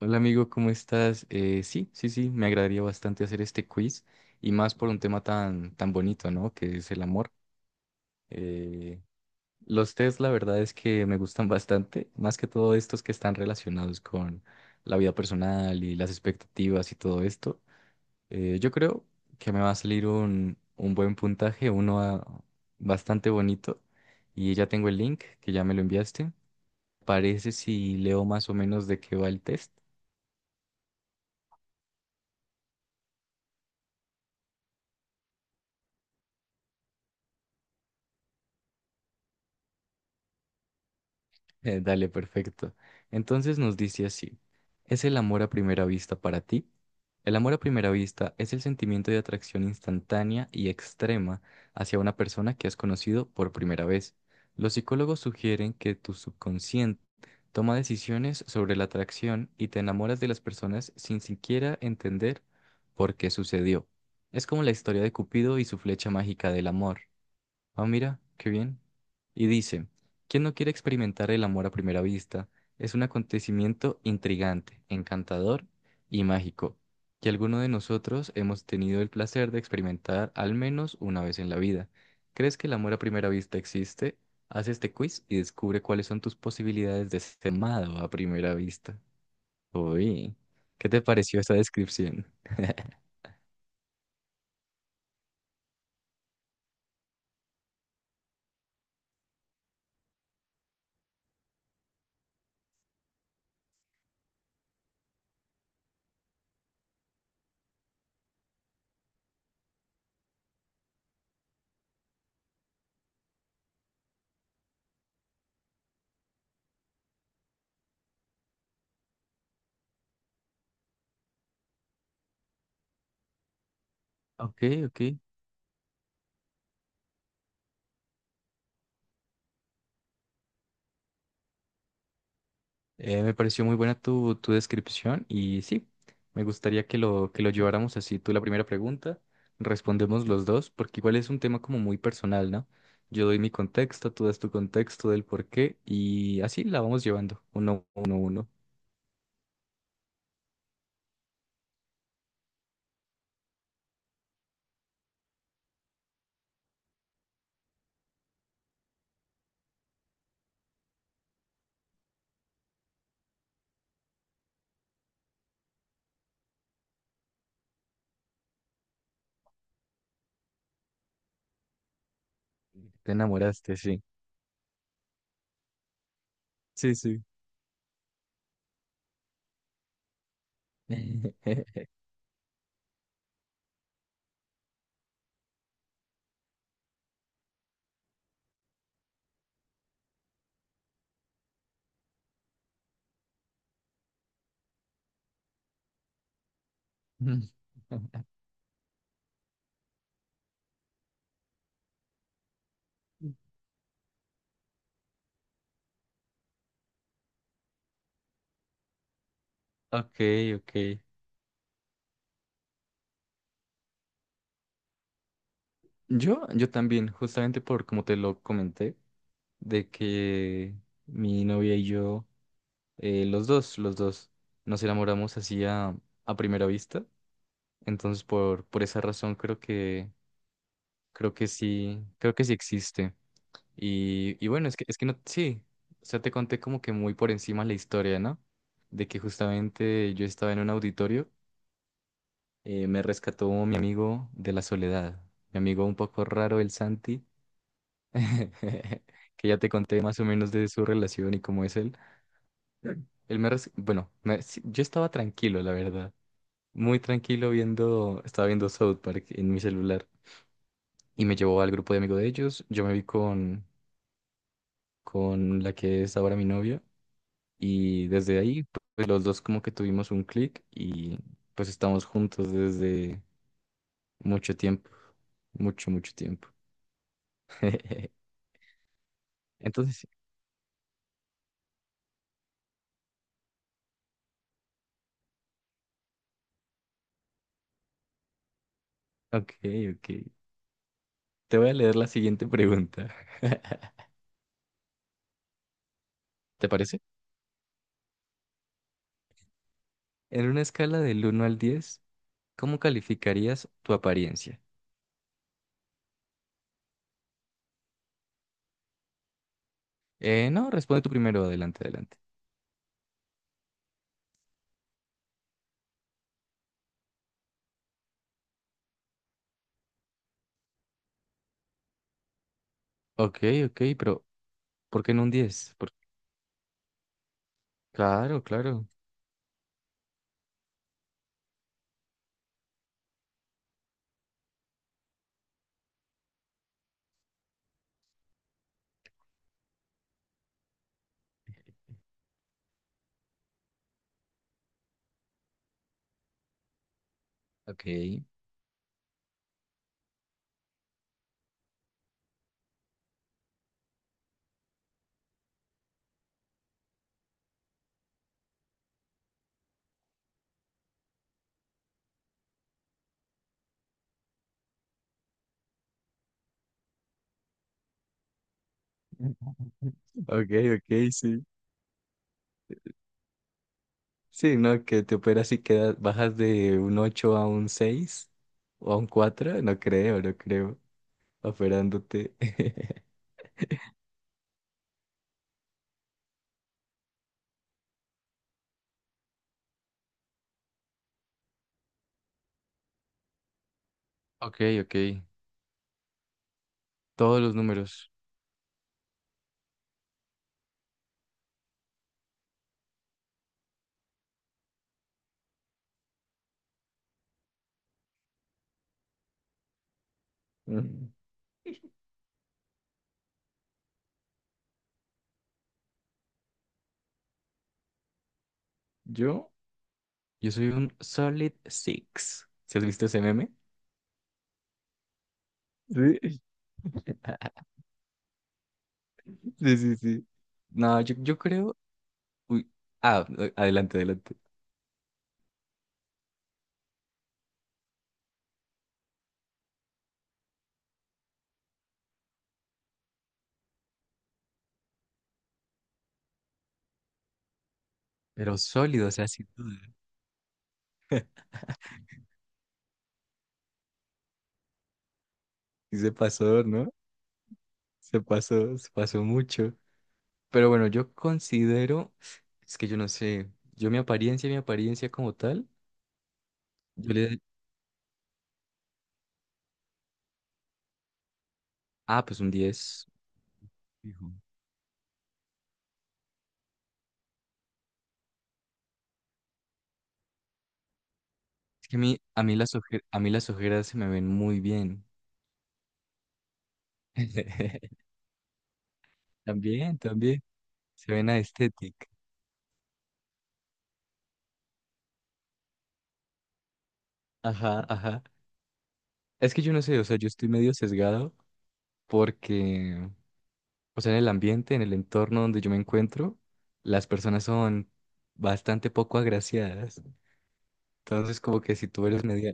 Hola amigo, ¿cómo estás? Sí, sí, sí, me agradaría bastante hacer este quiz y más por un tema tan bonito, ¿no? Que es el amor. Eh, los test, la verdad es que me gustan bastante, más que todo estos que están relacionados con la vida personal y las expectativas y todo esto. Yo creo que me va a salir un buen puntaje, uno bastante bonito, y ya tengo el link que ya me lo enviaste. Parece si leo más o menos de qué va el test. Dale, perfecto. Entonces nos dice así, ¿es el amor a primera vista para ti? El amor a primera vista es el sentimiento de atracción instantánea y extrema hacia una persona que has conocido por primera vez. Los psicólogos sugieren que tu subconsciente toma decisiones sobre la atracción y te enamoras de las personas sin siquiera entender por qué sucedió. Es como la historia de Cupido y su flecha mágica del amor. Ah, mira, qué bien. Y dice, ¿quién no quiere experimentar el amor a primera vista? Es un acontecimiento intrigante, encantador y mágico, que alguno de nosotros hemos tenido el placer de experimentar al menos una vez en la vida. ¿Crees que el amor a primera vista existe? Haz este quiz y descubre cuáles son tus posibilidades de ser amado a primera vista. Uy, ¿qué te pareció esa descripción? Ok, ok. Me pareció muy buena tu descripción, y sí, me gustaría que que lo lleváramos así. Tú la primera pregunta, respondemos los dos, porque igual es un tema como muy personal, ¿no? Yo doy mi contexto, tú das tu contexto del por qué y así la vamos llevando, uno, uno, uno. Te enamoraste, sí. Sí, sí. Ok, ok. Yo también, justamente por como te lo comenté, de que mi novia y yo... Los dos, los dos nos enamoramos así a primera vista. Entonces, por esa razón creo que sí existe. Y bueno, es que no, sí, o sea, te conté como que muy por encima la historia, ¿no? De que justamente yo estaba en un auditorio, me rescató mi amigo de la soledad, mi amigo un poco raro, el Santi, que ya te conté más o menos de su relación y cómo es él. Él me, res- bueno, me- Sí, yo estaba tranquilo, la verdad. Muy tranquilo viendo, estaba viendo South Park en mi celular y me llevó al grupo de amigos de ellos. Yo me vi con la que es ahora mi novia, y desde ahí pues los dos como que tuvimos un clic y pues estamos juntos desde mucho tiempo, mucho, mucho tiempo. Entonces, ok, ok. Te voy a leer la siguiente pregunta. ¿Te parece? En una escala del 1 al 10, ¿cómo calificarías tu apariencia? No, responde tú primero, adelante, adelante. Ok, ok, pero ¿por qué no un 10? Por-. Claro, claro. Ok. Ok, ok, sí. Sí, no, que te operas y quedas, bajas de un 8 a un 6 o a un 4, no creo, no creo, operándote. Ok, ok, todos los números. Mm, Yo, yo soy un solid six. ¿Si has visto ese meme? Sí. Sí, sí, sí. No, yo creo. Uy, ah, adelante, adelante. Pero sólido, o sea, sí. Y se pasó, ¿no? Se pasó mucho. Pero bueno, yo considero, es que yo no sé, yo mi apariencia como tal, yo le ah, pues un 10 fijo. Es que a mí, a mí las ojeras se me ven muy bien. También, también, se ven estética. Ajá, ajá. Es que yo no sé, o sea, yo estoy medio sesgado porque, o sea, en el ambiente, en el entorno donde yo me encuentro, las personas son bastante poco agraciadas. Entonces, como que si tú eres media...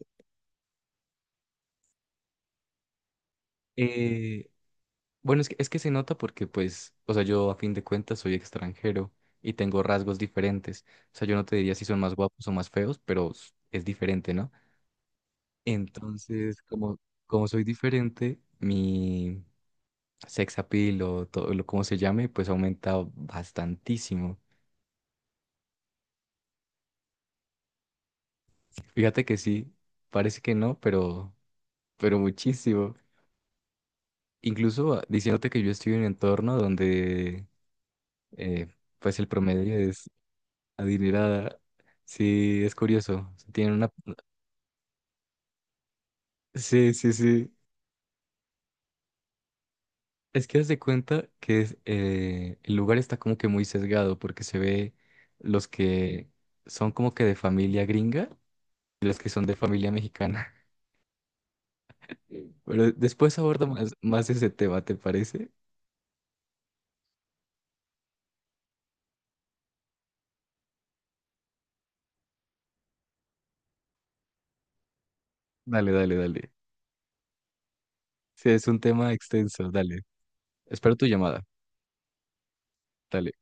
eh, bueno, es que se nota porque, pues, o sea, yo a fin de cuentas soy extranjero y tengo rasgos diferentes. O sea, yo no te diría si son más guapos o más feos, pero s- es diferente, ¿no? Entonces, como, como soy diferente, mi sex appeal o todo lo como se llame, pues aumenta bastantísimo. Fíjate que sí, parece que no, pero muchísimo. Incluso ah, diciéndote que yo estoy en un entorno donde... eh, pues el promedio es adinerada. Sí, es curioso. Tienen una... Sí, sí, sí. Es que haz de cuenta que es, el lugar está como que muy sesgado porque se ve los que son como que de familia gringa y los que son de familia mexicana. Pero después aborda más, más ese tema, ¿te parece? Dale, dale, dale. Sí, es un tema extenso, dale. Espero tu llamada. Dale.